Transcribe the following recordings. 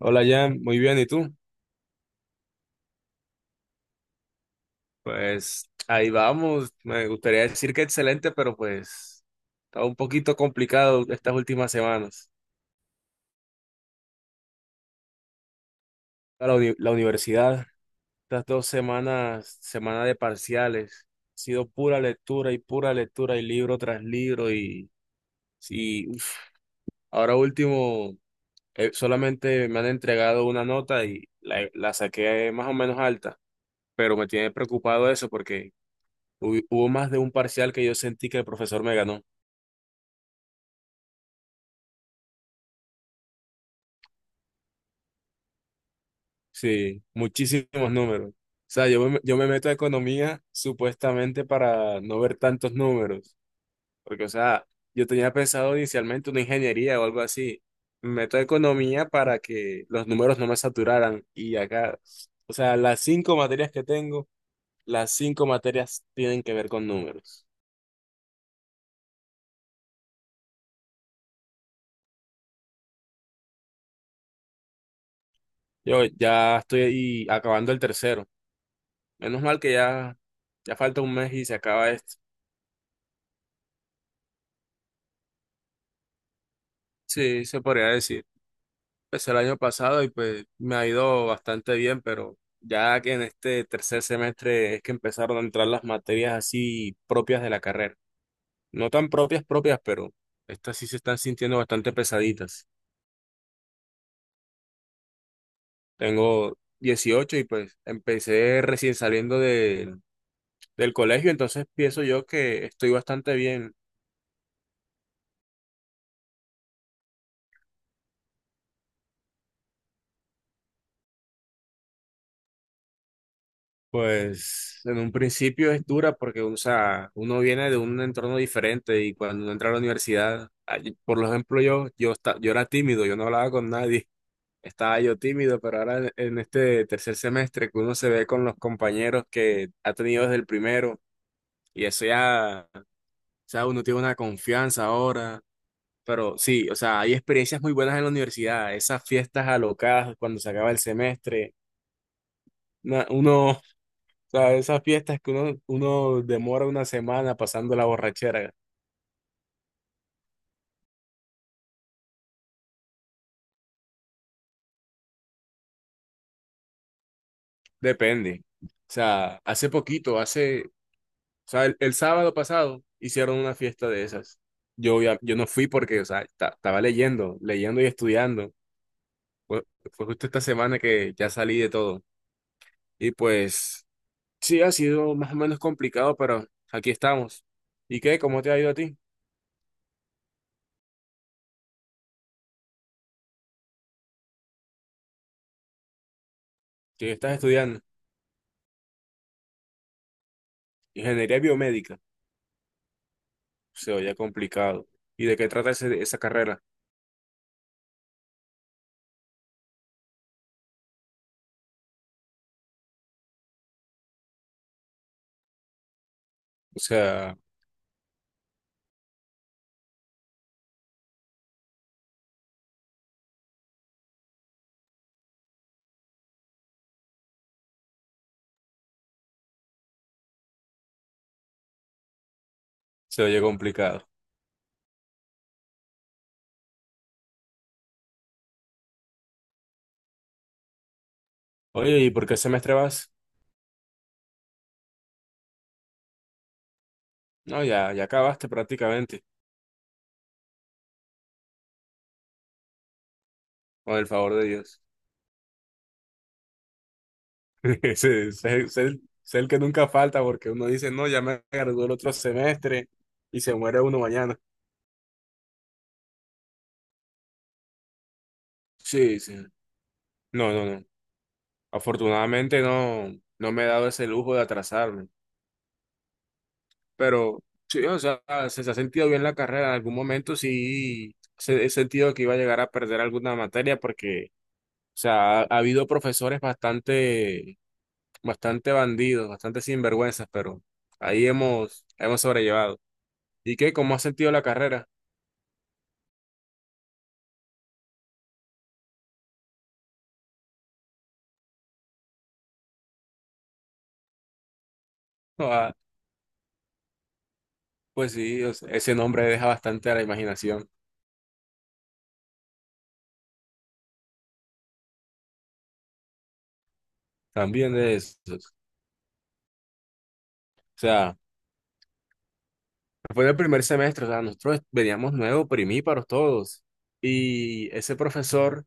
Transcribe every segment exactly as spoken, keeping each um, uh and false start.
Hola Jan, muy bien, ¿y tú? Pues ahí vamos, me gustaría decir que excelente, pero pues está un poquito complicado estas últimas semanas. La, uni- la universidad, estas dos semanas, semana de parciales, ha sido pura lectura y pura lectura y libro tras libro y, y uf, ahora último, eh, solamente me han entregado una nota y la, la saqué más o menos alta, pero me tiene preocupado eso porque hu- hubo más de un parcial que yo sentí que el profesor me ganó. Sí, muchísimos números. O sea, yo me, yo me meto a economía supuestamente para no ver tantos números, porque, o sea, yo tenía pensado inicialmente una ingeniería o algo así. Me meto a economía para que los números no me saturaran y acá, o sea, las cinco materias que tengo, las cinco materias tienen que ver con números. Yo ya estoy ahí acabando el tercero. Menos mal que ya, ya falta un mes y se acaba esto. Sí, se podría decir. Pues el año pasado y pues me ha ido bastante bien, pero ya que en este tercer semestre es que empezaron a entrar las materias así propias de la carrera. No tan propias, propias, pero estas sí se están sintiendo bastante pesaditas. Tengo dieciocho y pues empecé recién saliendo de- del colegio, entonces pienso yo que estoy bastante bien. Pues en un principio es dura porque, o sea, uno viene de un entorno diferente y cuando uno entra a la universidad, ay, por ejemplo, yo, yo, esta- yo era tímido, yo no hablaba con nadie, estaba yo tímido, pero ahora en, en este tercer semestre que uno se ve con los compañeros que ha tenido desde el primero y eso ya, o sea, uno tiene una confianza ahora, pero sí, o sea, hay experiencias muy buenas en la universidad, esas fiestas alocadas cuando se acaba el semestre, na- uno... sea, esas fiestas que uno, uno demora una semana pasando la borrachera, depende. O sea, hace poquito, hace, o sea, el, el sábado pasado hicieron una fiesta de esas. Yo, ya- yo no fui porque, o sea, ta estaba leyendo, leyendo y estudiando. Fue, fue justo esta semana que ya salí de todo. Y pues, sí, ha sido más o menos complicado, pero aquí estamos. ¿Y qué? ¿Cómo te ha ido a ti? ¿Qué estás estudiando? Ingeniería biomédica. Se oye complicado. ¿Y de qué trata ese- esa carrera? O sea, se oye complicado. Oye, ¿y por qué semestre vas? No, ya, ya acabaste prácticamente, con el favor de Dios. Ese es el, es el- es el que nunca falta porque uno dice, no, ya me gradué el otro semestre y se muere uno mañana. Sí, sí. No, no, no. Afortunadamente no, no me he dado ese lujo de atrasarme. Pero sí, o sea, se, se ha sentido bien la carrera. En algún momento sí se, he sentido que iba a llegar a perder alguna materia porque, o sea, ha ha habido profesores bastante bastante bandidos, bastante sinvergüenzas, pero ahí hemos, hemos sobrellevado. ¿Y qué? ¿Cómo has sentido la carrera? No, ah, pues sí, o sea, ese nombre deja bastante a la imaginación también de esos. O sea, fue el primer semestre, o sea, nosotros veníamos nuevos, primíparos todos, y ese profesor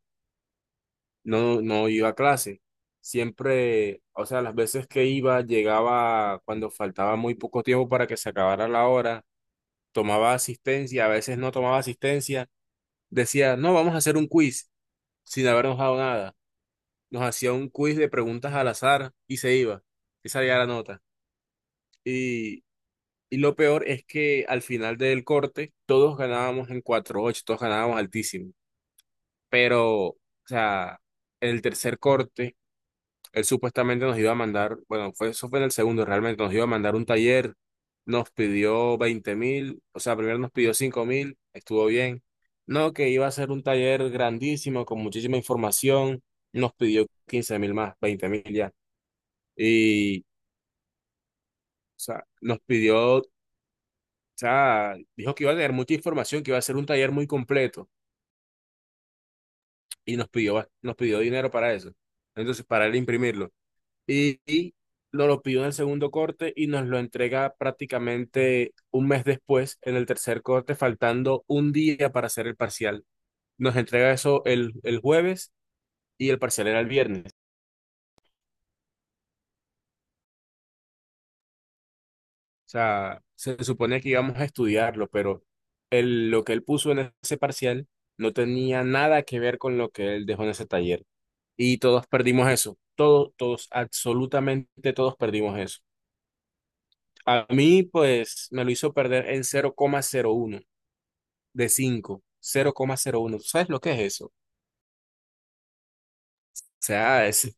no, no iba a clase. Siempre, o sea, las veces que iba, llegaba cuando faltaba muy poco tiempo para que se acabara la hora, tomaba asistencia, a veces no tomaba asistencia decía, no, vamos a hacer un quiz sin habernos dado nada. Nos hacía un quiz de preguntas al azar y se iba. Y salía la nota. Y, y lo peor es que al final del corte todos ganábamos en cuatro ocho, todos ganábamos altísimo. Pero, o sea, en el tercer corte él supuestamente nos iba a mandar, bueno, fue, eso fue en el segundo realmente, nos iba a mandar un taller, nos pidió veinte mil, o sea, primero nos pidió cinco mil, estuvo bien. No, que iba a ser un taller grandísimo, con muchísima información, nos pidió quince mil más, veinte mil ya. Y, o sea, nos pidió, o sea, dijo que iba a tener mucha información, que iba a ser un taller muy completo, y nos pidió, nos pidió dinero para eso. Entonces, para él imprimirlo. Y, y nos lo pidió en el segundo corte y nos lo entrega prácticamente un mes después, en el tercer corte, faltando un día para hacer el parcial. Nos entrega eso el, el jueves y el parcial era el viernes. O sea, se supone que íbamos a estudiarlo, pero el, lo que él puso en ese parcial no tenía nada que ver con lo que él dejó en ese taller. Y todos perdimos eso. Todos, todos, absolutamente todos perdimos eso. A mí, pues, me lo hizo perder en cero cero coma cero uno de cinco cero coma cero uno. ¿Tú sabes lo que es eso? O sea, es-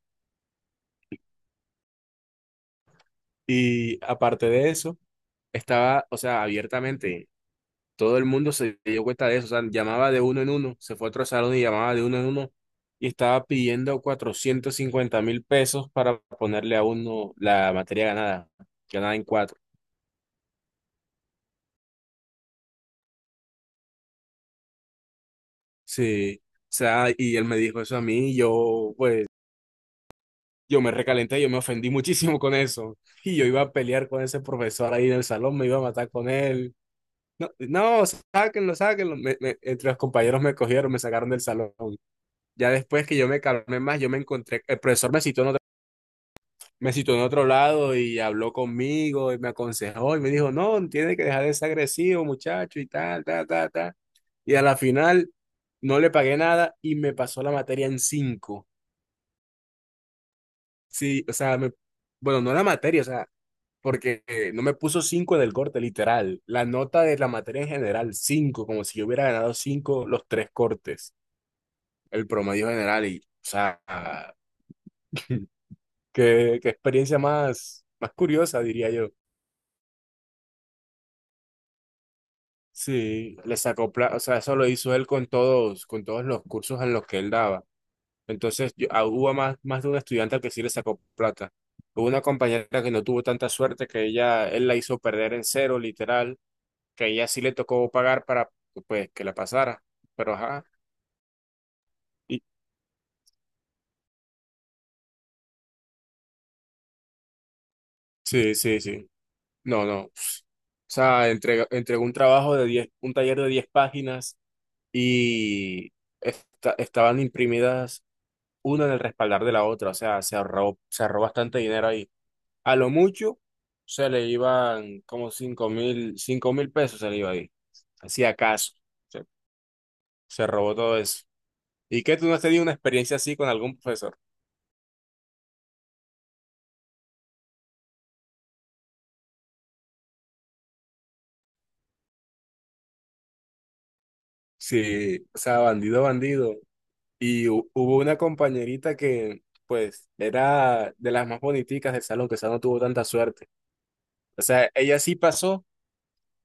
y aparte de eso, estaba, o sea, abiertamente, todo el mundo se dio cuenta de eso, o sea, llamaba de uno en uno, se fue a otro salón y llamaba de uno en uno y estaba pidiendo cuatrocientos cincuenta mil pesos para ponerle a uno la materia ganada, ganada en cuatro. Sí, o sea, y él me dijo eso a mí y yo, pues, yo me recalenté, yo me ofendí muchísimo con eso. Y yo iba a pelear con ese profesor ahí en el salón, me iba a matar con él. No, no, sáquenlo, sáquenlo. Me- me- entre los compañeros me cogieron, me sacaron del salón. Ya después que yo me calmé más, yo me encontré, el profesor me citó en otro, me citó en otro lado y habló conmigo y me aconsejó y me dijo, no, tiene que dejar de ser agresivo, muchacho, y tal, tal, tal, tal. Y a la final no le pagué nada y me pasó la materia en cinco. Sí, o sea, me, bueno, no la materia, o sea, porque eh, no me puso cinco en el corte, literal. La nota de la materia en general, cinco como si yo hubiera ganado cinco los tres cortes, el promedio general. Y, o sea, qué, qué experiencia más, más curiosa, diría yo. Sí, le sacó, pla- o sea, eso lo hizo él con todos, con todos los cursos en los que él daba. Entonces, yo- ah, hubo más, más de un estudiante al que sí le sacó plata. Hubo una compañera que no tuvo tanta suerte que ella, él la hizo perder en cero, literal. Que ella sí le tocó pagar para pues que la pasara. Pero ajá. Y, sí, sí, sí. No, no. O sea, entrega entregó un trabajo de diez, un taller de diez páginas y esta- estaban imprimidas una en el respaldar de la otra. O sea, se ahorró, se ahorró bastante dinero ahí. A lo mucho se le iban como cinco mil, cinco mil pesos se le iba ahí. Hacía caso. Se, se robó todo eso. ¿Y qué, tú no has tenido una experiencia así con algún profesor? Sí, o sea, bandido, bandido. Y hu- hubo una compañerita que, pues, era de las más boniticas del salón, que esa no tuvo tanta suerte. O sea, ella sí pasó,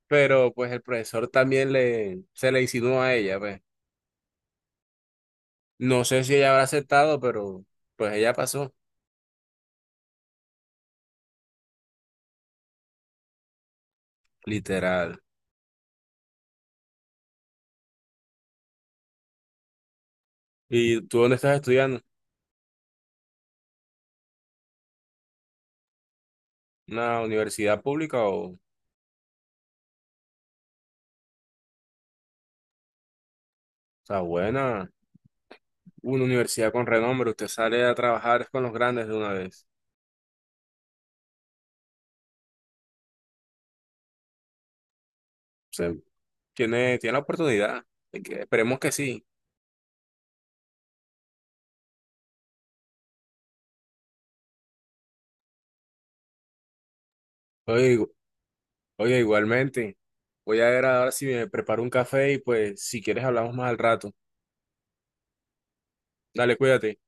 pero pues el profesor también le, se le insinuó a ella, pues. No sé si ella habrá aceptado, pero pues ella pasó, literal. ¿Y tú dónde estás estudiando? ¿Una universidad pública o, o sea, buena? Una universidad con renombre, usted sale a trabajar con los grandes de una vez. Tiene, tiene la oportunidad. Así que esperemos que sí. Oye, igu- oye, igualmente. Voy a ver ahora si me preparo un café y pues si quieres hablamos más al rato. Dale, cuídate.